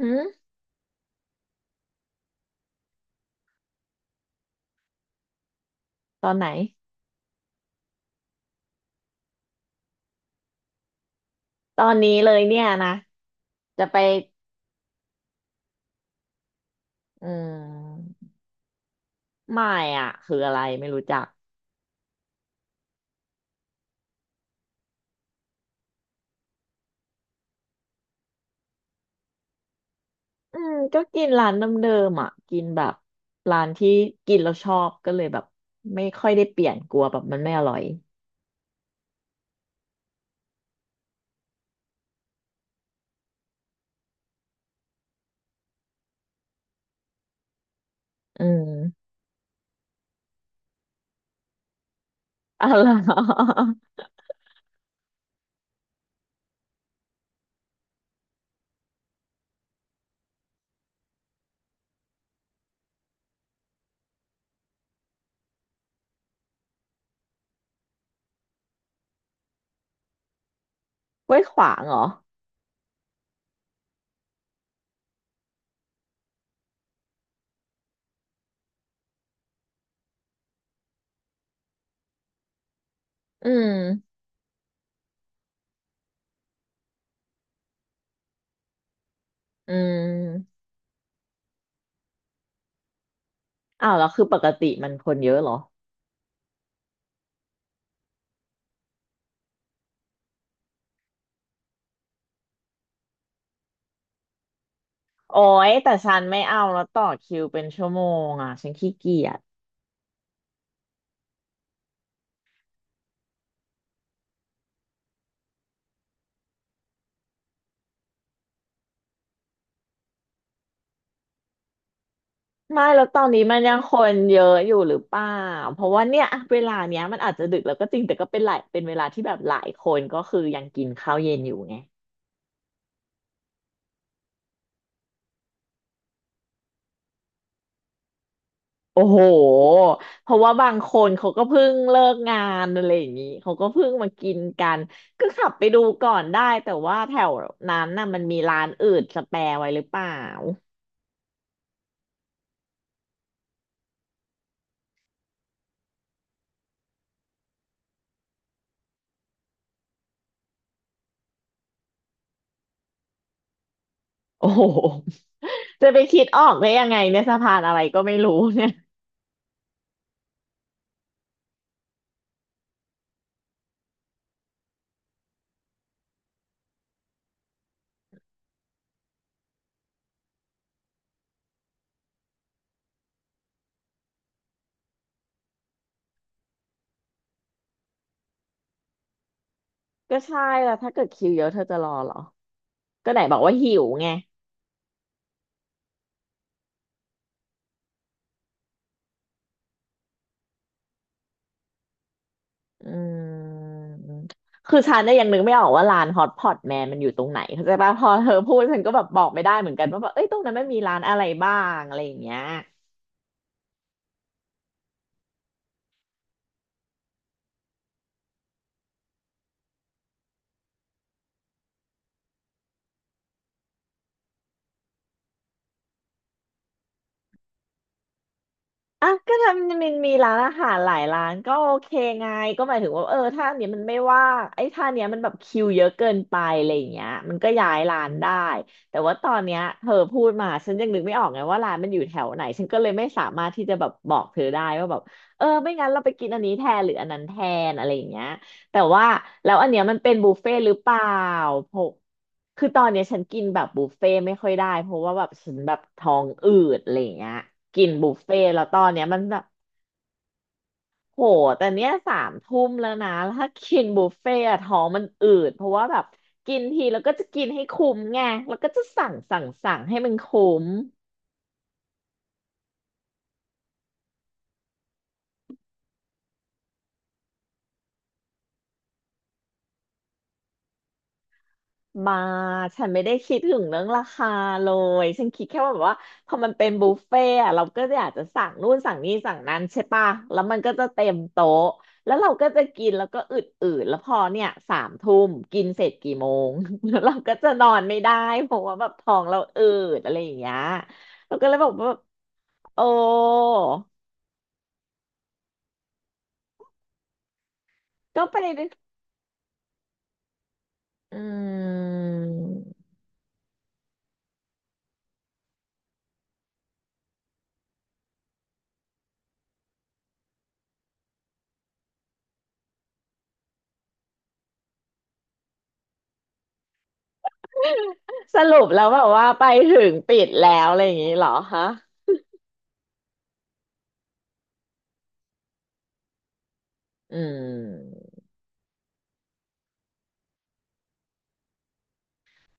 หืมตอนไหนตอนนี้เลยเนี่ยนะจะไปอืมไม่อ่ะคืออะไรไม่รู้จักอืมก็กินร้านเดิมๆอ่ะกินแบบร้านที่กินแล้วชอบก็เลยแบบไม่ค่อยได้เปลี่ยนกลัวแบบมันไม่อร่อยอืมอะไรอไว้ ขวางเหรออืมอืมอ้าวแล้วคือปกติมันคนเยอะเหรอโอ้ยแต่ฉันไม่เอาแล้วต่อคิวเป็นชั่วโมงอ่ะฉันขี้เกียจ ไม่แล้วตอนนี้มันยังคนเยอะอยู่หรือเปล่าเพราะว่าเนี่ยอะเวลาเนี้ยมันอาจจะดึกแล้วก็จริงแต่ก็เป็นเวลาที่แบบหลายคนก็คือยังกินข้าวเย็นอยู่ไงโอ้โหเพราะว่าบางคนเขาก็เพิ่งเลิกงานอะไรอย่างนี้เขาก็เพิ่งมากินกันก็ขับไปดูก่อนได้แต่ว่าแถวนั้นน่ะมันมีร้านอื่นสแปร์ไว้หรือเปล่าโอ้โหจะไปคิดออกได้ยังไงเนี่ยสะพานอะไรก็ไม่รู้เนี่ยก็ใช่แล้วถ้าเกิดคิวเยอะเธอจะรอเหรอก็ไหนบอกว่าหิวไง อืม คือฉันเนี่ยยังนึกไม่ออกว่าร้านฮอตพอตแมนมันอยู่ตรงไหนเข้าใจป่ะพอเธอพูดฉันก็แบบบอกไม่ได้เหมือนกันว่าแบบเอ้ยตรงนั้นมันมีร้านอะไรบ้างอะไรอย่างเงี้ยอ่ะก็ทำมันมีร้านอาหารหลายร้านก็โอเคไงก็หมายถึงว่าเออถ้าอันเนี้ยมันไม่ว่างไอ้ถ้าอันเนี้ยมันแบบคิวเยอะเกินไปอะไรอย่างเงี้ยมันก็ย้ายร้านได้แต่ว่าตอนเนี้ยเธอพูดมาฉันยังนึกไม่ออกไงว่าร้านมันอยู่แถวไหนฉันก็เลยไม่สามารถที่จะแบบบอกเธอได้ว่าแบบเออไม่งั้นเราไปกินอันนี้แทนหรืออันนั้นแทนอะไรอย่างเงี้ย แต่ว่าแล้วอันเนี้ยมันเป็นบุฟเฟ่ต์หรือเปล่าเพราะคือตอนเนี้ยฉันกินแบบบุฟเฟ่ต์ไม่ค่อยได้เพราะว่าแบบฉันแบบท้องอืดอะไรอย่างเงี้ยกินบุฟเฟ่ต์แล้วตอนเนี้ยมันแบบโหแต่เนี้ยสามทุ่มแล้วนะแล้วถ้ากินบุฟเฟ่ต์อะท้องมันอืดเพราะว่าแบบกินทีแล้วก็จะกินให้คุ้มไงแล้วก็จะสั่งสั่งสั่งให้มันคุ้ม มาฉันไม่ได้คิดถึงเรื่องราคาเลยฉันคิดแค่ว่าแบบว่าพอมันเป็นบุฟเฟ่ต์อะเราก็อยากจะสั่งนู่นสั่งนี่สั่งนั้นใช่ปะแล้วมันก็จะเต็มโต๊ะแล้วเราก็จะกินแล้วก็อืดอืดแล้วพอเนี่ยสามทุ่มกินเสร็จกี่โมง แล้วเราก็จะนอนไม่ได้เพราะว่าแบบท้องเราอืดอะไรอย่างเงี้ยเราก็เลยบอกว่าแบบโอ้ก็ไปดิอืมสรุปแล้วแบบว่าไปถึงปิดแล้วอะไรอย่างงี้เหรอฮะอืม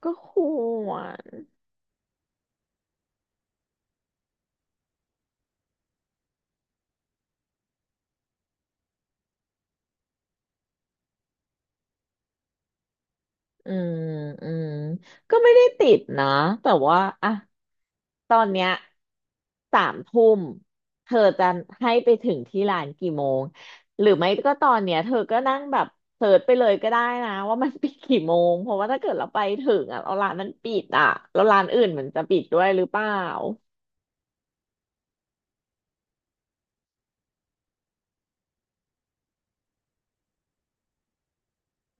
ก็ควรอืมอืมก็ไม่ได้ติดนะ แต่ว่าอะตอนเนี้ยสามทุ่มเธอจะให้ไปถึงที่ร้านกี่โมงหรือไม่ก็ตอนเนี้ยเธอก็นั่งแบบเสิร์ชไปเลยก็ได้นะว่ามันปิดกี่โมงเพราะว่าถ้าเกิดเราไปถึงอ่ะเราร้านนั้นปิดอ่ะแล้วร้านอื่นมันจะปิดด้วยหรือเปล่า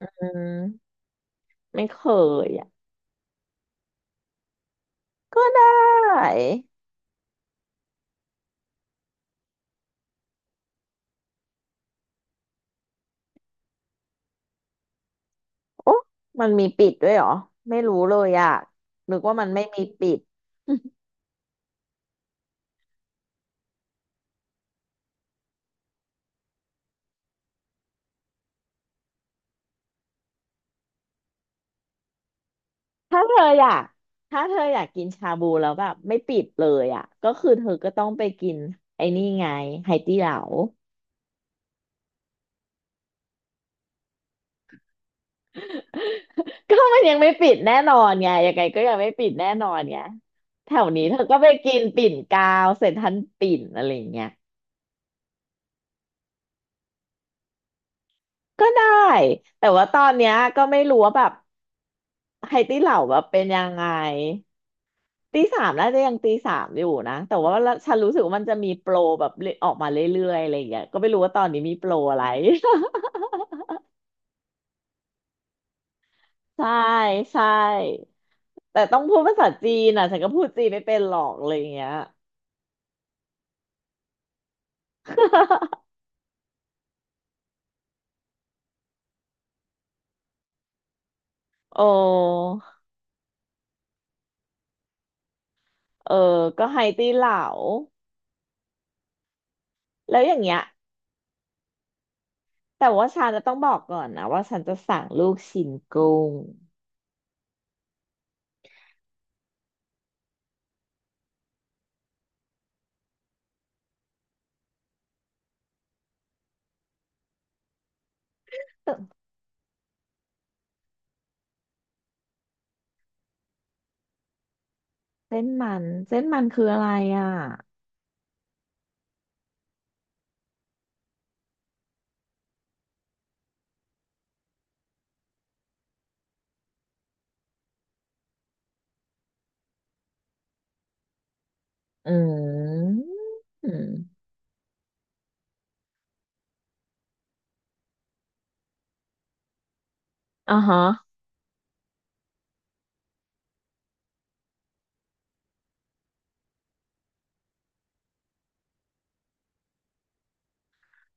อืมไม่เคยอ่ะ ก็ได้โอ้มันมีปิดด้วยเหรอ ไม่รู้เลยอ่ะนึกว่ามันไม่มีปิด ถ้าเธออยากถ้าเธออยากกินชาบูแล้วแบบไม่ปิดเลยอ่ะก็คือเธอก็ต้องไปกินไอ้นี่ไงไหตี้เหลา ก็มันยังไม่ปิดแน่นอนไงยังไงก็ยังไม่ปิดแน่นอนไงแถวนี้เธอก็ไปกินปิ่นกาวเซ็นทรัลปิ่นอะไรอย่างเงี้ยก็ได้แต่ว่าตอนเนี้ยก็ไม่รู้ว่าแบบไฮตี้เหลาแบบเป็นยังไงตีสามน่าจะยังตีสามอยู่นะแต่ว่าฉันรู้สึกว่ามันจะมีโปรแบบเรื่อยออกมาเรื่อยๆอะไรอย่างเงี้ยก็ไม่รู้ว่าตอนนี้มีโปรอะไร ใช่ใช่แต่ต้องพูดภาษาจีนอ่ะฉันก็พูดจีนไม่เป็นหรอกอะไรอย่างเงี้ยโอ้เออก็ไฮตี้เหลาแล้วอย่างเงี้ยแต่ว่าฉันจะต้องบอกก่อนนะว่าฉันจะสั่งลูกชิ้นกุ้งเออเส้นมันเส้นมันคืออะไรอ่ะอืมอืมอ่าฮะ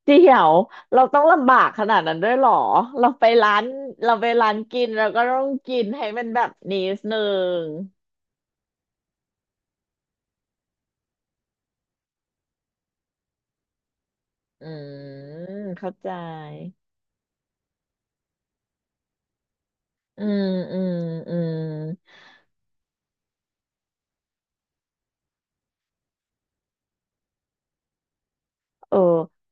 เดี๋ยวเราต้องลำบากขนาดนั้นด้วยเหรอเราไปร้านเราไปร้านกินเราก็ต้องกินให้มันแบบนี้นึงอืมเข้าใจ อืมอืมอืมเออ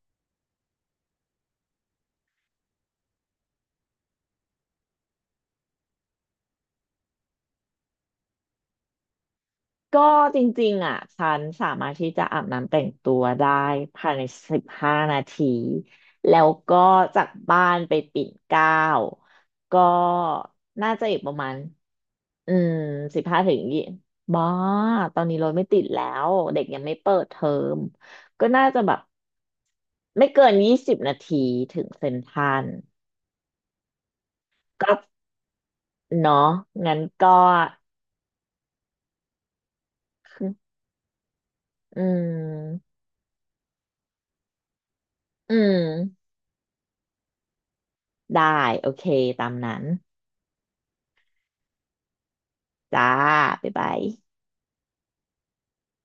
ก็จริงๆอ่ะฉันสามารถที่จะอาบน้ำแต่งตัวได้ภายใน15 นาทีแล้วก็จากบ้านไปปิ่นเกล้าก็น่าจะอีกประมาณอืมสิบห้าถึงยี่บ้าตอนนี้รถไม่ติดแล้วเด็กยังไม่เปิดเทอมก็น่าจะแบบไม่เกิน20 นาทีถึงเซ็นทรัลก็เนาะงั้นก็อืม อืมได้โอเคตามนั้นจ้าบ๊ายบาย